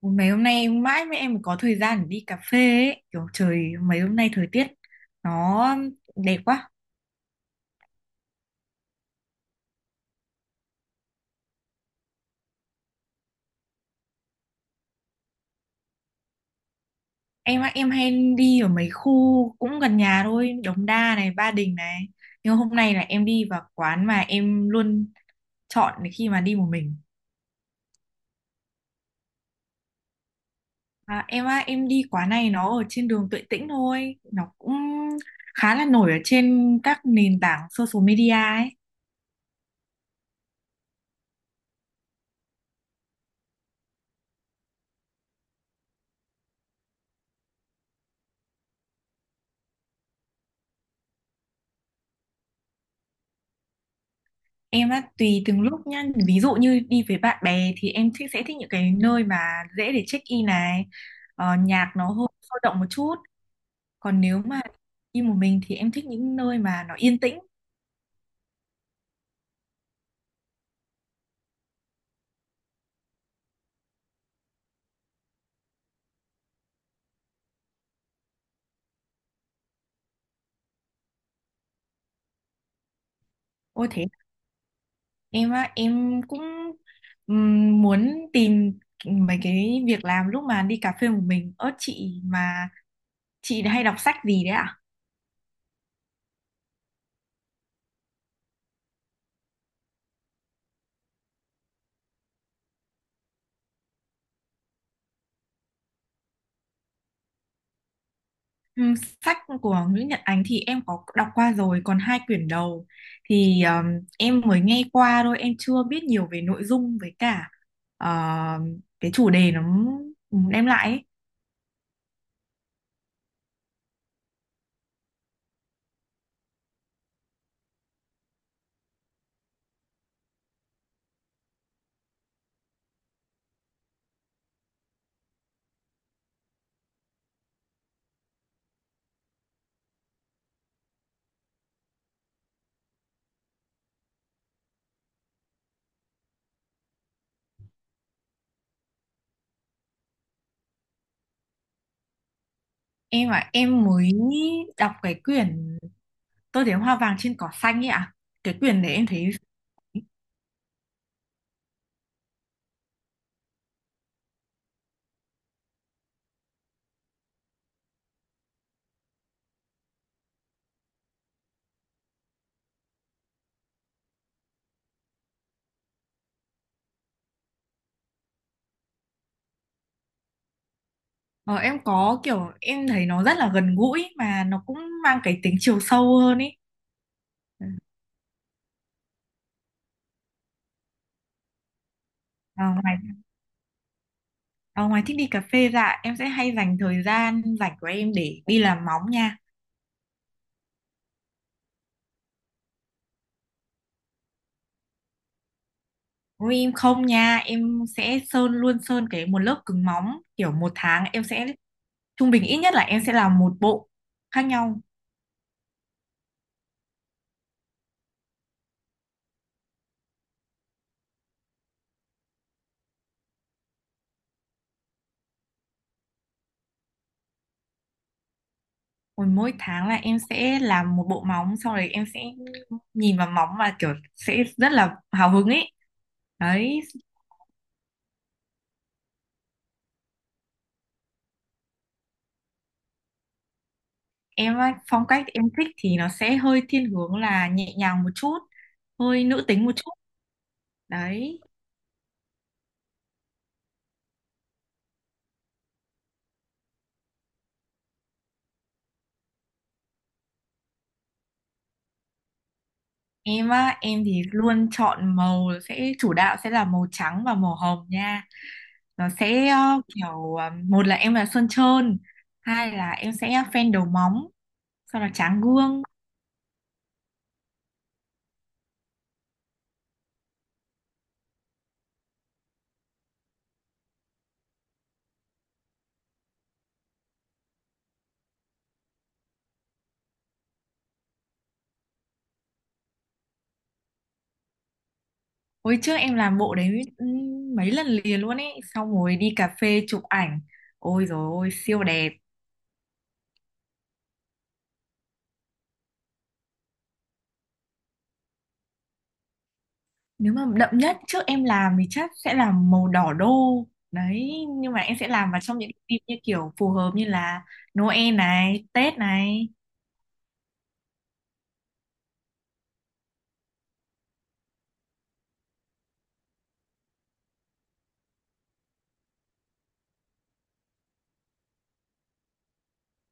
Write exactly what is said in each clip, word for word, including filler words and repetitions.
Ôi, mấy hôm nay mãi mới em mới có thời gian để đi cà phê ấy. Kiểu trời mấy hôm nay thời tiết nó đẹp quá. Em á, em hay đi ở mấy khu cũng gần nhà thôi, Đống Đa này, Ba Đình này. Nhưng hôm nay là em đi vào quán mà em luôn chọn khi mà đi một mình. À, em á, em đi quán này nó ở trên đường Tuệ Tĩnh thôi. Nó cũng khá là nổi ở trên các nền tảng social media ấy. Em á, tùy từng lúc nhá. Ví dụ như đi với bạn bè thì em thích sẽ thích những cái nơi mà dễ để check in này, ờ, nhạc nó hơi sôi động một chút. Còn nếu mà đi một mình thì em thích những nơi mà nó yên tĩnh. Ôi thế em á, em cũng ừm, muốn tìm mấy cái việc làm lúc mà đi cà phê một mình. Ơ chị, mà chị hay đọc sách gì đấy ạ? Ừ, sách của Nguyễn Nhật Ánh thì em có đọc qua rồi, còn hai quyển đầu thì um, em mới nghe qua thôi, em chưa biết nhiều về nội dung với cả ờ, cái chủ đề nó đem lại ấy. Em à, em mới đọc cái quyển Tôi thấy hoa vàng trên cỏ xanh ấy ạ. Cái quyển đấy em thấy ờ, em có kiểu em thấy nó rất là gần gũi mà nó cũng mang cái tính chiều sâu hơn ấy. Ừ. Ờ, ngoài Ờ, ngoài thích đi cà phê ra, em sẽ hay dành thời gian rảnh của em để đi làm móng nha. Nếu em không nha, em sẽ sơn luôn sơn cái một lớp cứng móng, kiểu một tháng em sẽ trung bình ít nhất là em sẽ làm một bộ khác nhau. Còn mỗi tháng là em sẽ làm một bộ móng, sau đấy em sẽ nhìn vào móng và kiểu sẽ rất là hào hứng ấy, đấy. Em á, phong cách em thích thì nó sẽ hơi thiên hướng là nhẹ nhàng một chút, hơi nữ tính một chút, đấy. Em á, em thì luôn chọn màu, sẽ chủ đạo sẽ là màu trắng và màu hồng nha. Nó sẽ ờ, kiểu ờ, một là em là sơn trơn, hai là em sẽ phen đầu móng, sau là tráng gương. Hồi trước em làm bộ đấy ừm, mấy lần liền luôn ấy, xong rồi đi cà phê chụp ảnh. Ôi dồi ôi, siêu đẹp. Nếu mà đậm nhất trước em làm thì chắc sẽ là màu đỏ đô. Đấy, nhưng mà em sẽ làm vào trong những dịp như kiểu phù hợp như là Noel này, Tết này.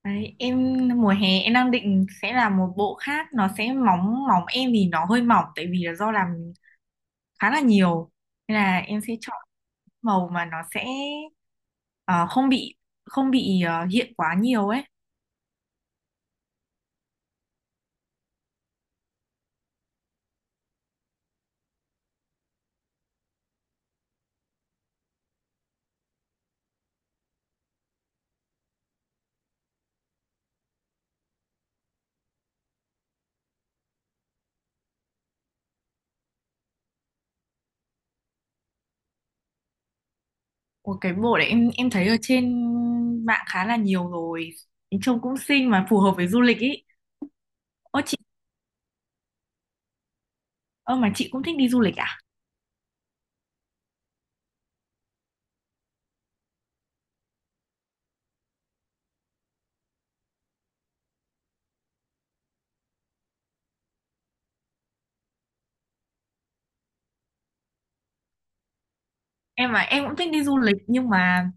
Đấy, em mùa hè em đang định sẽ làm một bộ khác, nó sẽ mỏng mỏng em thì nó hơi mỏng tại vì là do làm khá là nhiều, nên là em sẽ chọn màu mà nó sẽ ờ, không bị không bị ờ, hiện quá nhiều ấy. Ủa, cái bộ đấy em em thấy ở trên mạng khá là nhiều rồi, trông cũng xinh mà phù hợp với du lịch ý. Ơ chị, ơ mà chị cũng thích đi du lịch à? Em mà em cũng thích đi du lịch, nhưng mà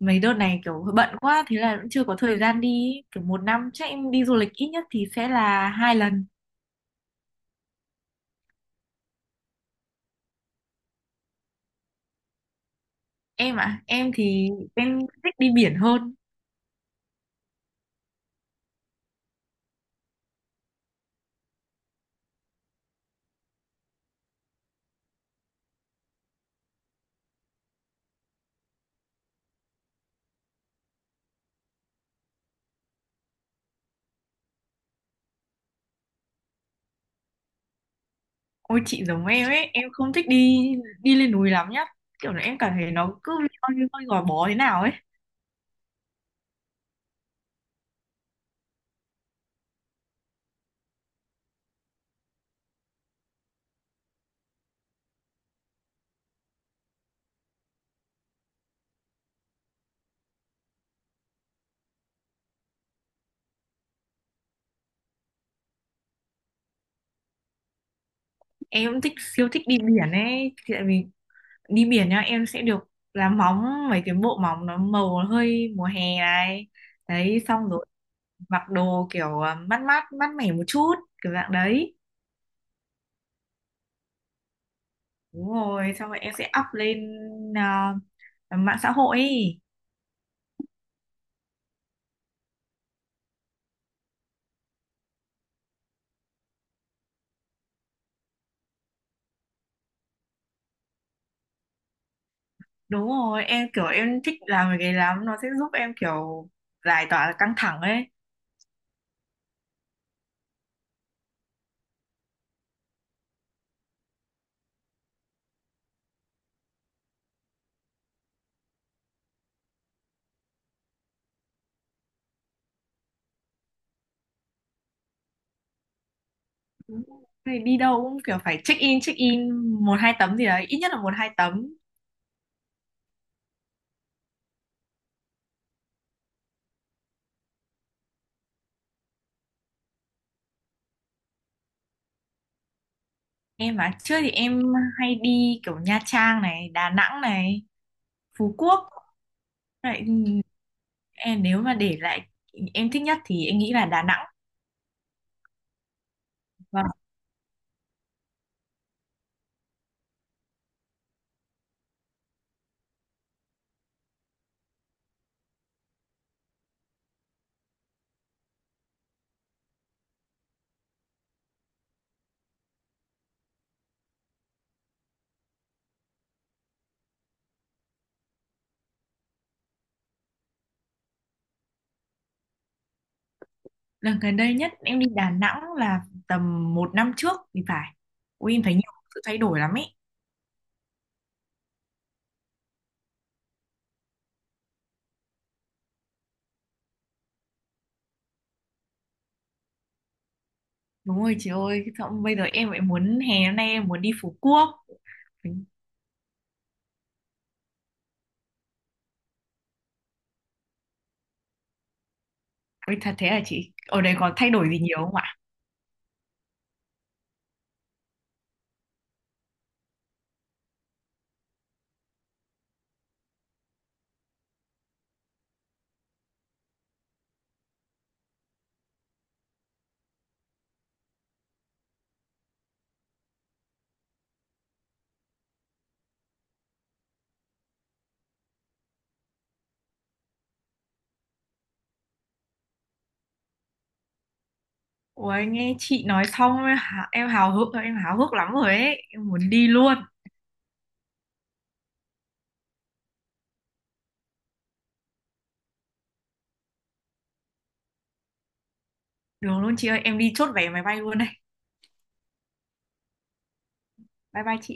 mấy đợt này kiểu bận quá thế là cũng chưa có thời gian đi ý. Kiểu một năm chắc em đi du lịch ít nhất thì sẽ là hai lần. Em à, em thì em thích đi biển hơn. Ôi chị giống em ấy, em không thích đi đi lên núi lắm nhá, kiểu là em cảm thấy nó cứ hơi hơi gò bó thế nào ấy. Em cũng thích siêu thích đi biển ấy. Thì tại vì đi biển nhá, em sẽ được làm móng mấy cái bộ móng nó màu hơi mùa hè này, đấy, xong rồi mặc đồ kiểu ờ, mát mát mát mẻ một chút, kiểu dạng đấy. Đúng rồi, xong rồi em sẽ up lên à, mạng xã hội ấy. Đúng rồi, em kiểu em thích làm cái đấy lắm, nó sẽ giúp em kiểu giải tỏa căng thẳng ấy. Đúng rồi. Thì đi đâu cũng kiểu phải check in, check in một hai tấm gì đấy, ít nhất là một hai tấm. Em mà trước thì em hay đi kiểu Nha Trang này, Đà Nẵng này, Phú Quốc. Vậy, ừ, em nếu mà để lại em thích nhất thì em nghĩ là Đà Nẵng. Lần gần đây nhất em đi Đà Nẵng là tầm một năm trước thì phải. Ui em thấy nhiều sự thay đổi lắm ấy. Đúng rồi chị ơi, xong bây giờ em lại muốn hè hôm nay em muốn đi Phú Quốc. Ui thật thế à, chị ở đây có thay đổi gì nhiều không ạ? Ui nghe chị nói xong em hả- em hào hức em háo hức lắm rồi ấy, em muốn đi luôn. Được luôn chị ơi, em đi chốt vé máy bay luôn đây. Bye bye chị.